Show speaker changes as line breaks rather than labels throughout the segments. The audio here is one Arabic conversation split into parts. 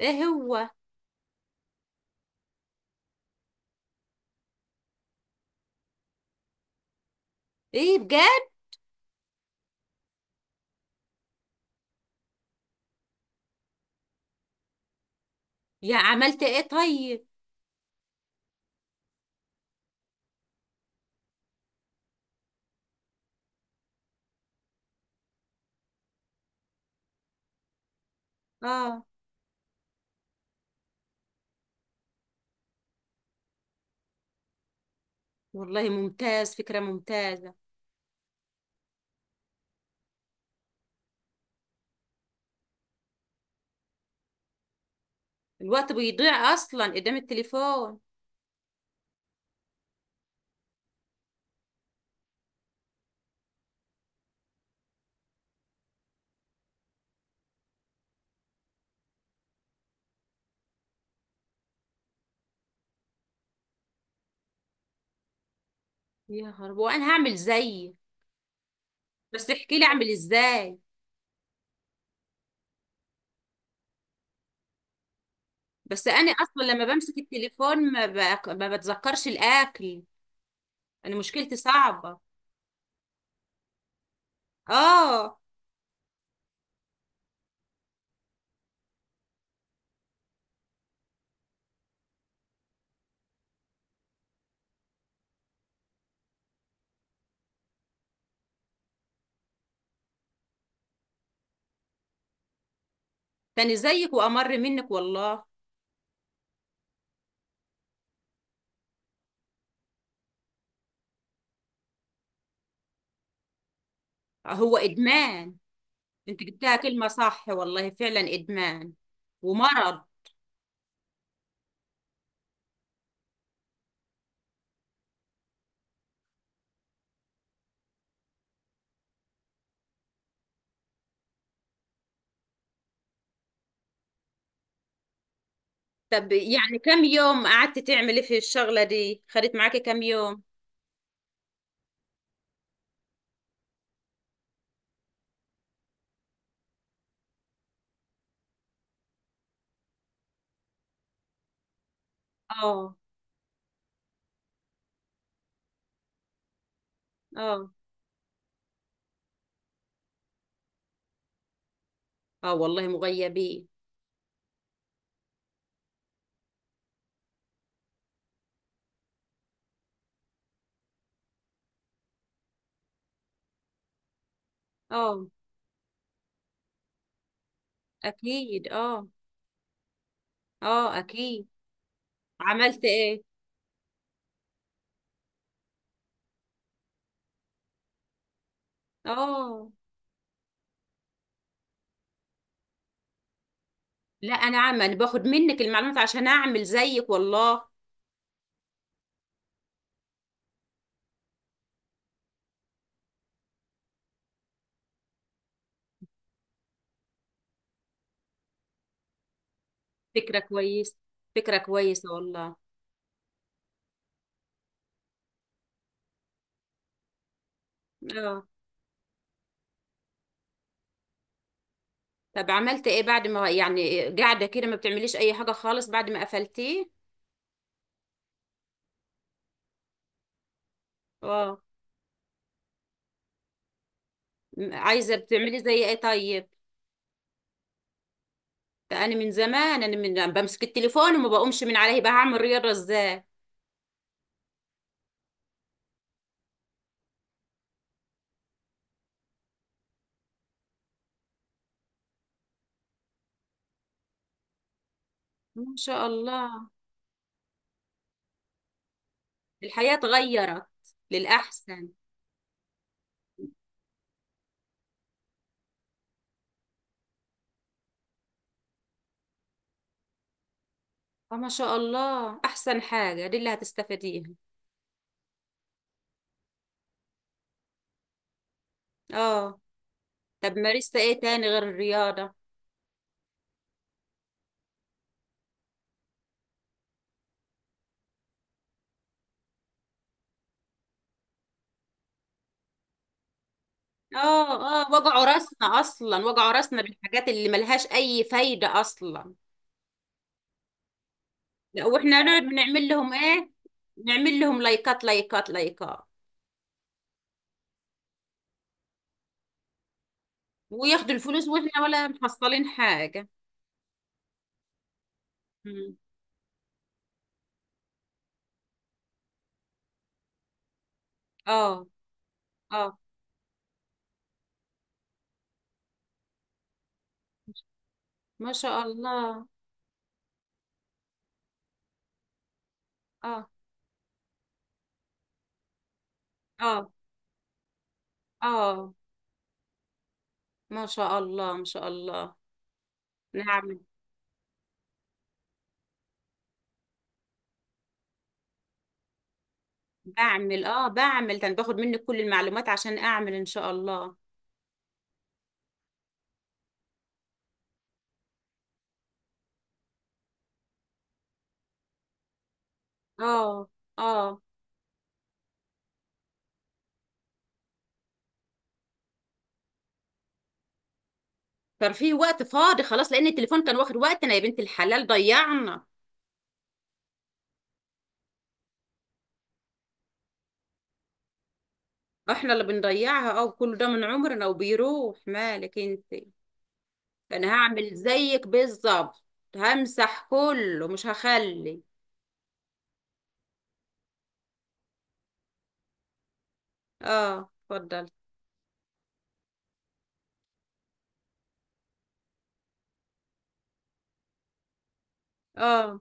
ايه هو؟ ايه بجد؟ يا عملت ايه طيب. اه، والله ممتاز، فكرة ممتازة. الوقت بيضيع اصلا قدام التليفون. يا خرب، وانا هعمل زيي، بس احكي لي اعمل ازاي. بس انا اصلا لما بمسك التليفون ما بتذكرش الاكل. انا مشكلتي صعبة. اه. تاني زيك وامر منك والله. هو ادمان؟ انت جبتها كلمة صح، والله فعلا ادمان ومرض. طب يعني كم يوم قعدت تعملي في الشغلة دي؟ خدت معاكي كم يوم؟ اه، اه. اه والله مغيبين. اه اكيد. اه. اه اكيد. عملت ايه؟ اه. لا، انا باخد منك المعلومات عشان اعمل زيك والله. فكرة كويسة، فكرة كويسة والله. اه. طب عملت ايه بعد ما يعني قاعدة كده ما بتعمليش اي حاجة خالص بعد ما قفلتيه؟ اه. عايزة بتعملي زي ايه طيب؟ ده انا من زمان انا، من بمسك التليفون وما بقومش من عليه بقى هعمل رياضه ازاي؟ ما شاء الله. الحياه اتغيرت للاحسن. آه، ما شاء الله، احسن حاجه دي اللي هتستفيديها. اه. طب مارست ايه تاني غير الرياضه؟ اه، اه، وجعوا راسنا اصلا، وجعوا راسنا بالحاجات اللي ملهاش اي فايده اصلا. لا، واحنا نقعد بنعمل لهم ايه، نعمل لهم لايكات لايكات لايكات وياخدوا الفلوس واحنا ولا محصلين حاجه. مم. اه. اه ما شاء الله. اه. اه. اه ما شاء الله، ما شاء الله. نعم. بعمل بعمل كان باخد منك كل المعلومات عشان اعمل ان شاء الله. اه. اه. كان في وقت فاضي خلاص لان التليفون كان واخد وقتنا يا بنت الحلال، ضيعنا. احنا اللي بنضيعها، اه، كل ده من عمرنا وبيروح مالك انت. انا هعمل زيك بالظبط، همسح كله مش هخلي. اه، اتفضل. اه،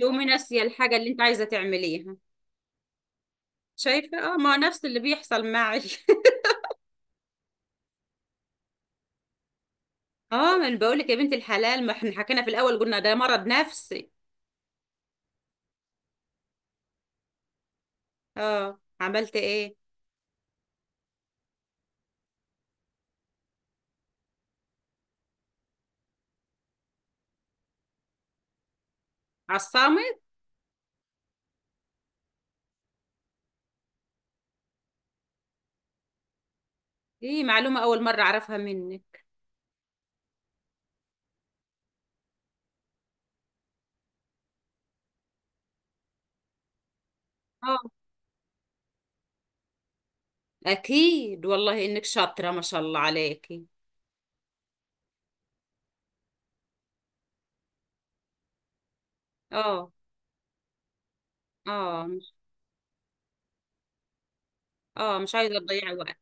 تقومي ناسيه الحاجه اللي انت عايزه تعمليها. شايفة، اه، ما هو نفس اللي بيحصل معي. اه، ما انا بقول لك يا بنت الحلال، ما احنا حكينا في الاول قلنا ده مرض نفسي. اه، عملت ايه؟ على الصامت. دي معلومة اول مرة اعرفها منك. اه اكيد، والله انك شاطرة ما شاء الله عليكي. اه. اه. مش عايزة تضيعي وقت.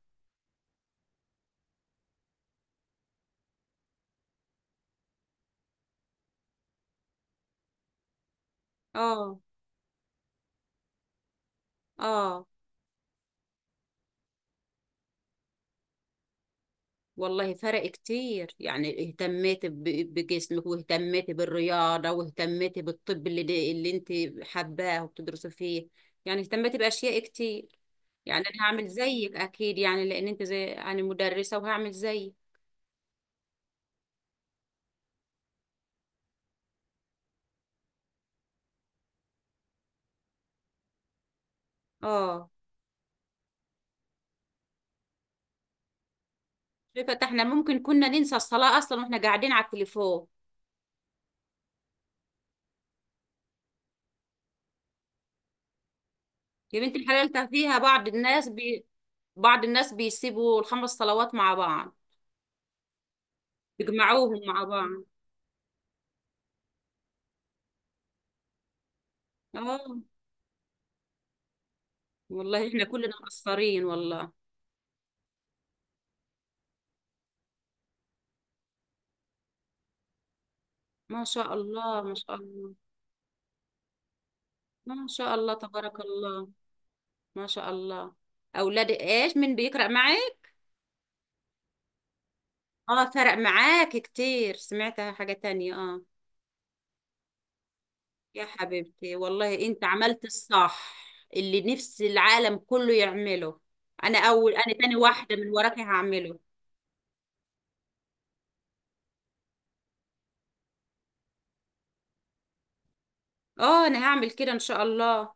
اه. اه والله فرق كتير، يعني اهتميتي بجسمك، واهتميتي بالرياضة، واهتميتي بالطب اللي انت حباه وبتدرسي فيه، يعني اهتميت بأشياء كتير. يعني انا هعمل زيك اكيد، يعني لان انت زي يعني مدرسة، وهعمل زيك. اه. شايفة ده احنا ممكن كنا ننسى الصلاة اصلا واحنا قاعدين على التليفون. يا بنت الحلال، ده فيها بعض الناس بعض الناس بيسيبوا الخمس صلوات مع بعض، بيجمعوهم مع بعض. اه والله، احنا كلنا مقصرين والله. ما شاء الله، ما شاء الله. ما شاء الله تبارك الله. ما شاء الله. اولاد ايش من بيقرأ معي. اه فرق معاك كتير، سمعتها حاجة تانية. اه. يا حبيبتي، والله انت عملت الصح، اللي نفس العالم كله يعمله. انا اول، انا تاني واحدة من وراكي هعمله. اه، انا هعمل كده ان شاء الله.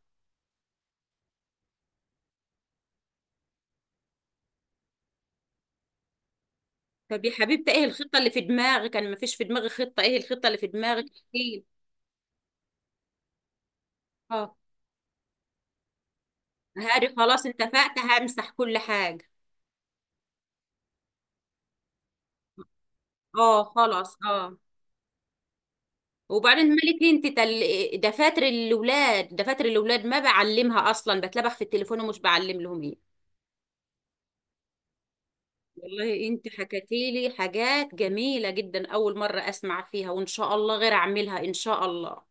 طب يا حبيبتي، ايه الخطة اللي في دماغك؟ انا مفيش في دماغي خطة، ايه الخطة اللي في دماغك؟ ايه؟ اه هاري، خلاص اتفقت همسح كل حاجة. اه خلاص، اه. وبعدين مالك انت، دفاتر الاولاد، دفاتر الاولاد ما بعلمها اصلا، بتلبخ في التليفون ومش بعلم لهم إيه. والله انت حكيتي لي حاجات جميلة جدا، اول مرة اسمع فيها، وان شاء الله غير اعملها ان شاء الله.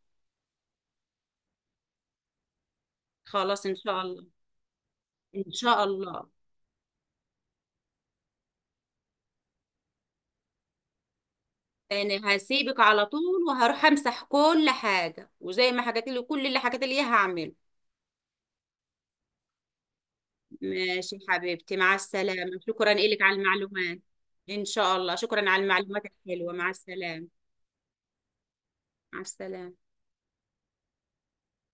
خلاص، ان شاء الله. ان شاء الله انا هسيبك على طول وهروح امسح كل حاجة، وزي ما حكيتي لي كل اللي حكيتي لي اياه هعمله. ماشي حبيبتي، مع السلامة، شكرا لك على المعلومات. ان شاء الله، شكرا على المعلومات الحلوة، مع السلامة. مع السلامة.